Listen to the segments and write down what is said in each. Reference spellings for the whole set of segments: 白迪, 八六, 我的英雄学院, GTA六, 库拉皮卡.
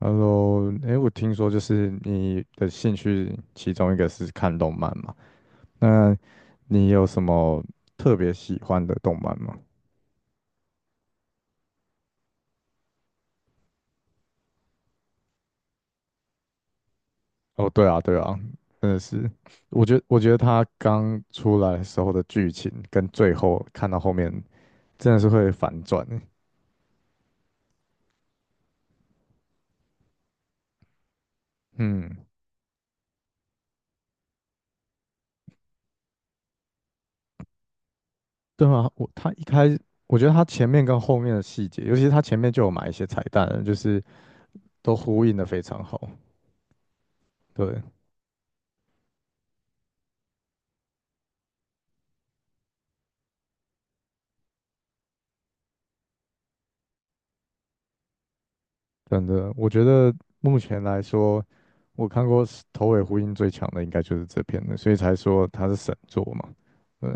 Hello，哎，我听说就是你的兴趣其中一个是看动漫嘛？那你有什么特别喜欢的动漫吗？哦，对啊，对啊，真的是，我觉得他刚出来的时候的剧情跟最后看到后面真的是会反转欸。嗯，对啊，我觉得他前面跟后面的细节，尤其是他前面就有埋一些彩蛋了就是都呼应的非常好。对，真的，我觉得目前来说，我看过是头尾呼应最强的应该就是这篇了，所以才说它是神作嘛。对，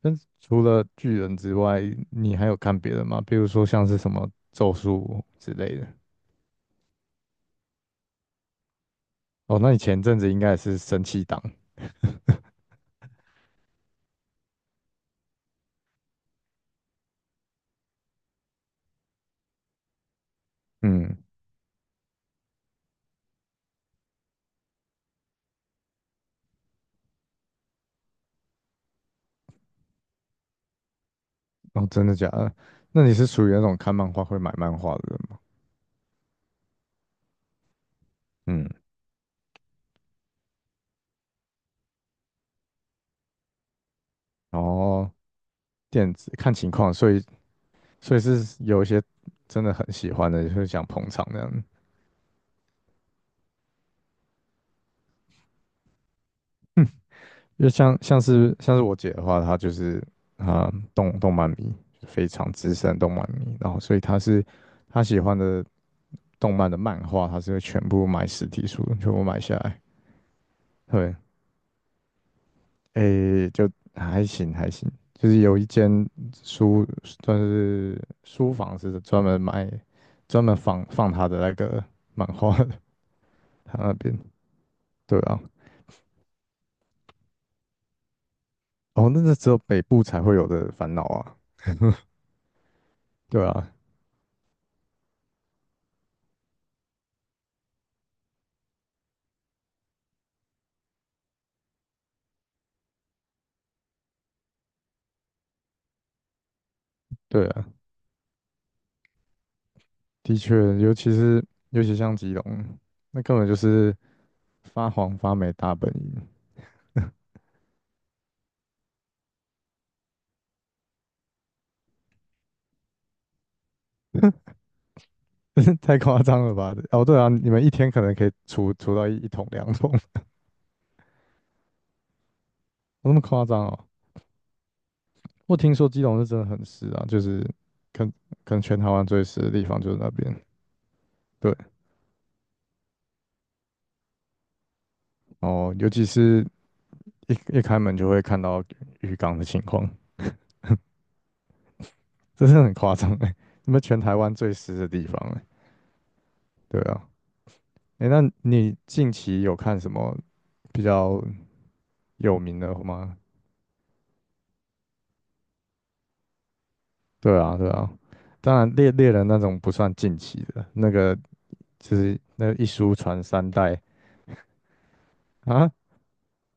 但是除了巨人之外，你还有看别的吗？比如说像是什么咒术之类的。哦，那你前阵子应该也是神气党。嗯，哦，真的假的？那你是属于那种看漫画会买漫画的人吗？嗯，然后电子看情况，所以是有一些真的很喜欢的，就是想捧场那样。就像像是像是我姐的话，她就是啊、动漫迷，非常资深动漫迷，然后所以她喜欢的动漫的漫画，她是会全部买实体书，全部买下来。对，诶、就还行还行，就是有一间书算是书房是专门卖，专门放她的那个漫画的，她那边对啊，哦，那个只有北部才会有的烦恼啊，对啊。对啊。的确，尤其像基隆，那根本就是发黄发霉大本营，太夸张了吧？哦，对啊，你们一天可能可以除到一桶两桶，有那么夸张哦？我听说基隆是真的很湿啊，就是可能可能全台湾最湿的地方就是那边。对，哦，尤其是一开门就会看到浴缸的情况，这是很夸张哎，你们全台湾最湿的地方哎，对啊，哎，那你近期有看什么比较有名的吗？对啊，对啊，当然猎人那种不算近期的，那个就是那一书传三代啊，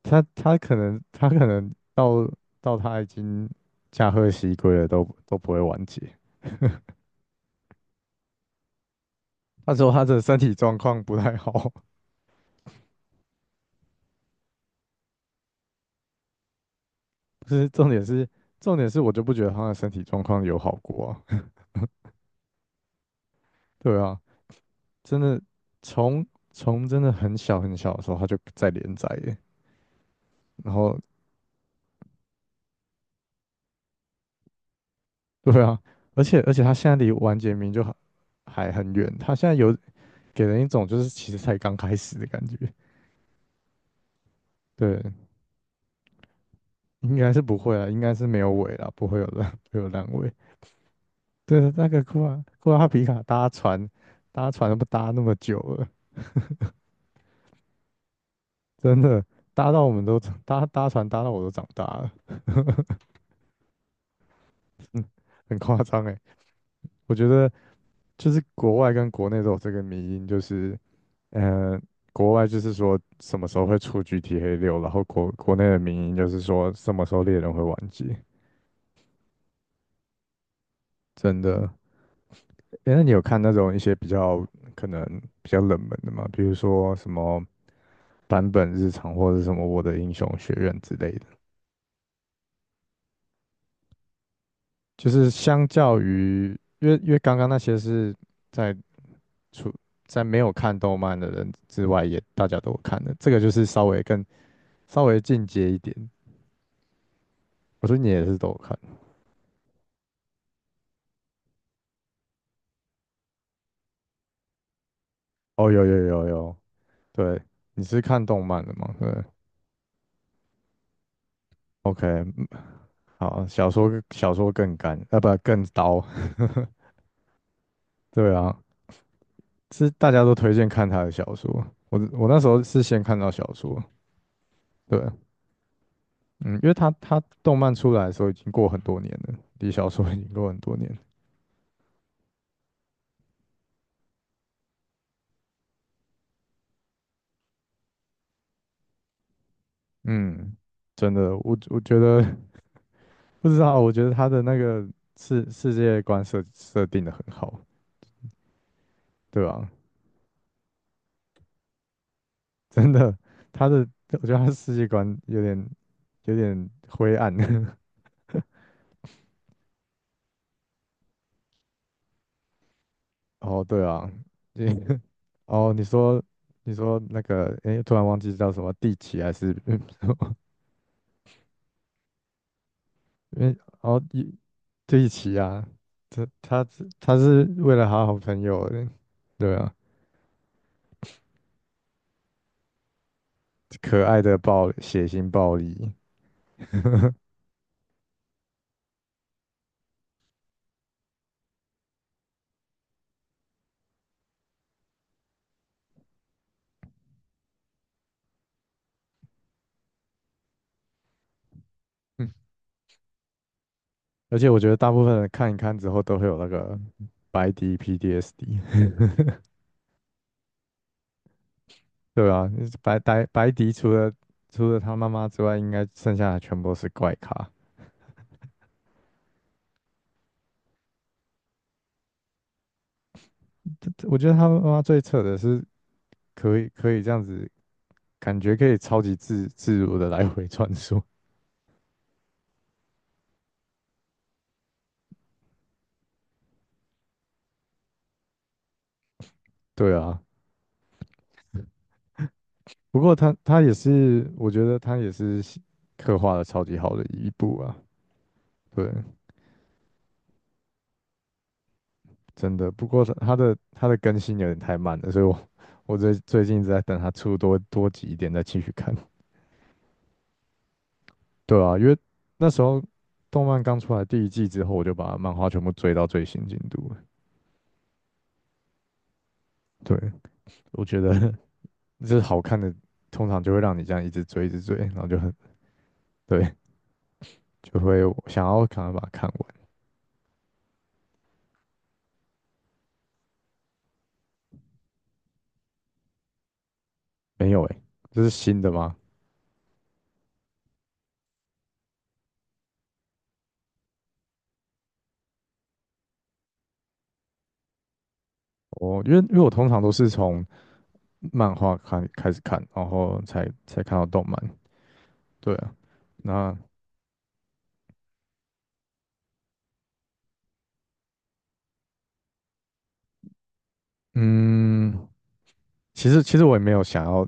他可能到他已经驾鹤西归了都不会完结。他说他的身体状况不太好，不是重点是我就不觉得他的身体状况有好过啊。对啊，真的从从真的很小很小的时候他就在连载耶，然后对啊，而且他现在离完结名就好还很远，他现在有给人一种就是其实才刚开始的感觉。对，应该是不会啦，应该是没有尾啦，不会有烂 不会有烂尾。对，那个库拉库拉皮卡搭船都不搭那么久了，真的搭到我们都搭船搭到我都长大了，嗯，很夸张哎。我觉得就是国外跟国内都有这个迷因，就是嗯，国外就是说什么时候会出 GTA 六，然后国内的民音就是说什么时候猎人会完结。真的，诶，那你有看那种一些比较可能比较冷门的吗？比如说什么版本日常或者什么我的英雄学院之类的。就是相较于，因为刚刚那些是在出在没有看动漫的人之外也，大家都有看的，这个就是稍微更稍微进阶一点。我说你也是都有看哦，有有有有，对，你是看动漫的吗？对，OK，好，小说更干，啊不更刀，对啊，是大家都推荐看他的小说。我那时候是先看到小说，对，嗯，因为他动漫出来的时候已经过很多年了，离小说已经过很多年，嗯，真的，我觉得 不知道，我觉得他的那个世界观设定的很好，对啊，真的，他的我觉得他的世界观有点灰暗。哦，对啊，你 哦，你说那个，诶，突然忘记叫什么地奇还是 嗯，么？因为哦，一地奇啊，他是为了他好朋友的，对啊，可爱的暴血腥暴力，而且我觉得大部分人看一看之后都会有那个白迪 PDSD 对啊，白迪除了他妈妈之外，应该剩下的全部都是怪咖。我觉得他妈妈最扯的是可以这样子感觉可以超级自如的来回穿梭。对啊，不过他也是，我觉得他也是写刻画的超级好的一部啊。对，真的。不过他的更新有点太慢了，所以我最近一直在等他出多集一点再继续看。对啊，因为那时候动漫刚出来第一季之后，我就把漫画全部追到最新进度了。对，我觉得 就是好看的，通常就会让你这样一直追一直追，然后就很对，就会想要赶快把它看完。没有诶，这是新的吗？我因为因为我通常都是从漫画看开始看，然后才看到动漫。对啊，那嗯，其实我也没有想要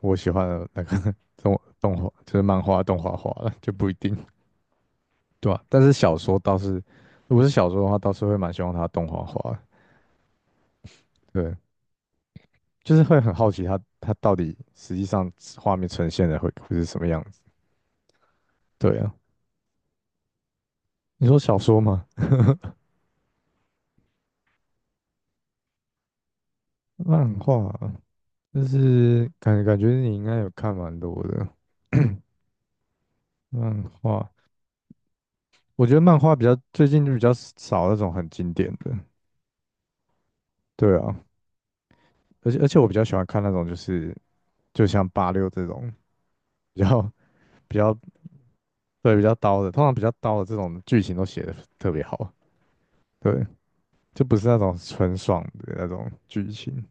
我喜欢的那个 动画，就是漫画动画化了，就不一定，对啊？但是小说倒是，如果是小说的话，倒是会蛮希望它动画化的。对，就是会很好奇它到底实际上画面呈现的会是什么样子。对啊，你说小说吗？漫画，但是感觉你应该有看蛮多的漫画，我觉得漫画比较最近就比较少那种很经典的，对啊，而且我比较喜欢看那种就是就像八六这种比较比较对比较刀的，通常比较刀的这种剧情都写的特别好，对，就不是那种纯爽的那种剧情，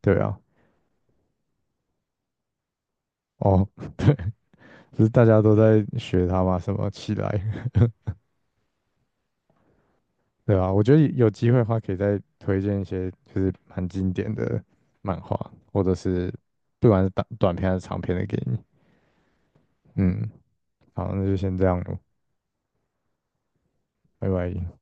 对啊，哦，不是大家都在学他吗？什么起来？对啊，我觉得有机会的话，可以再推荐一些就是蛮经典的漫画，或者是不管是短片还是长片的给你。嗯，好，那就先这样咯，拜拜。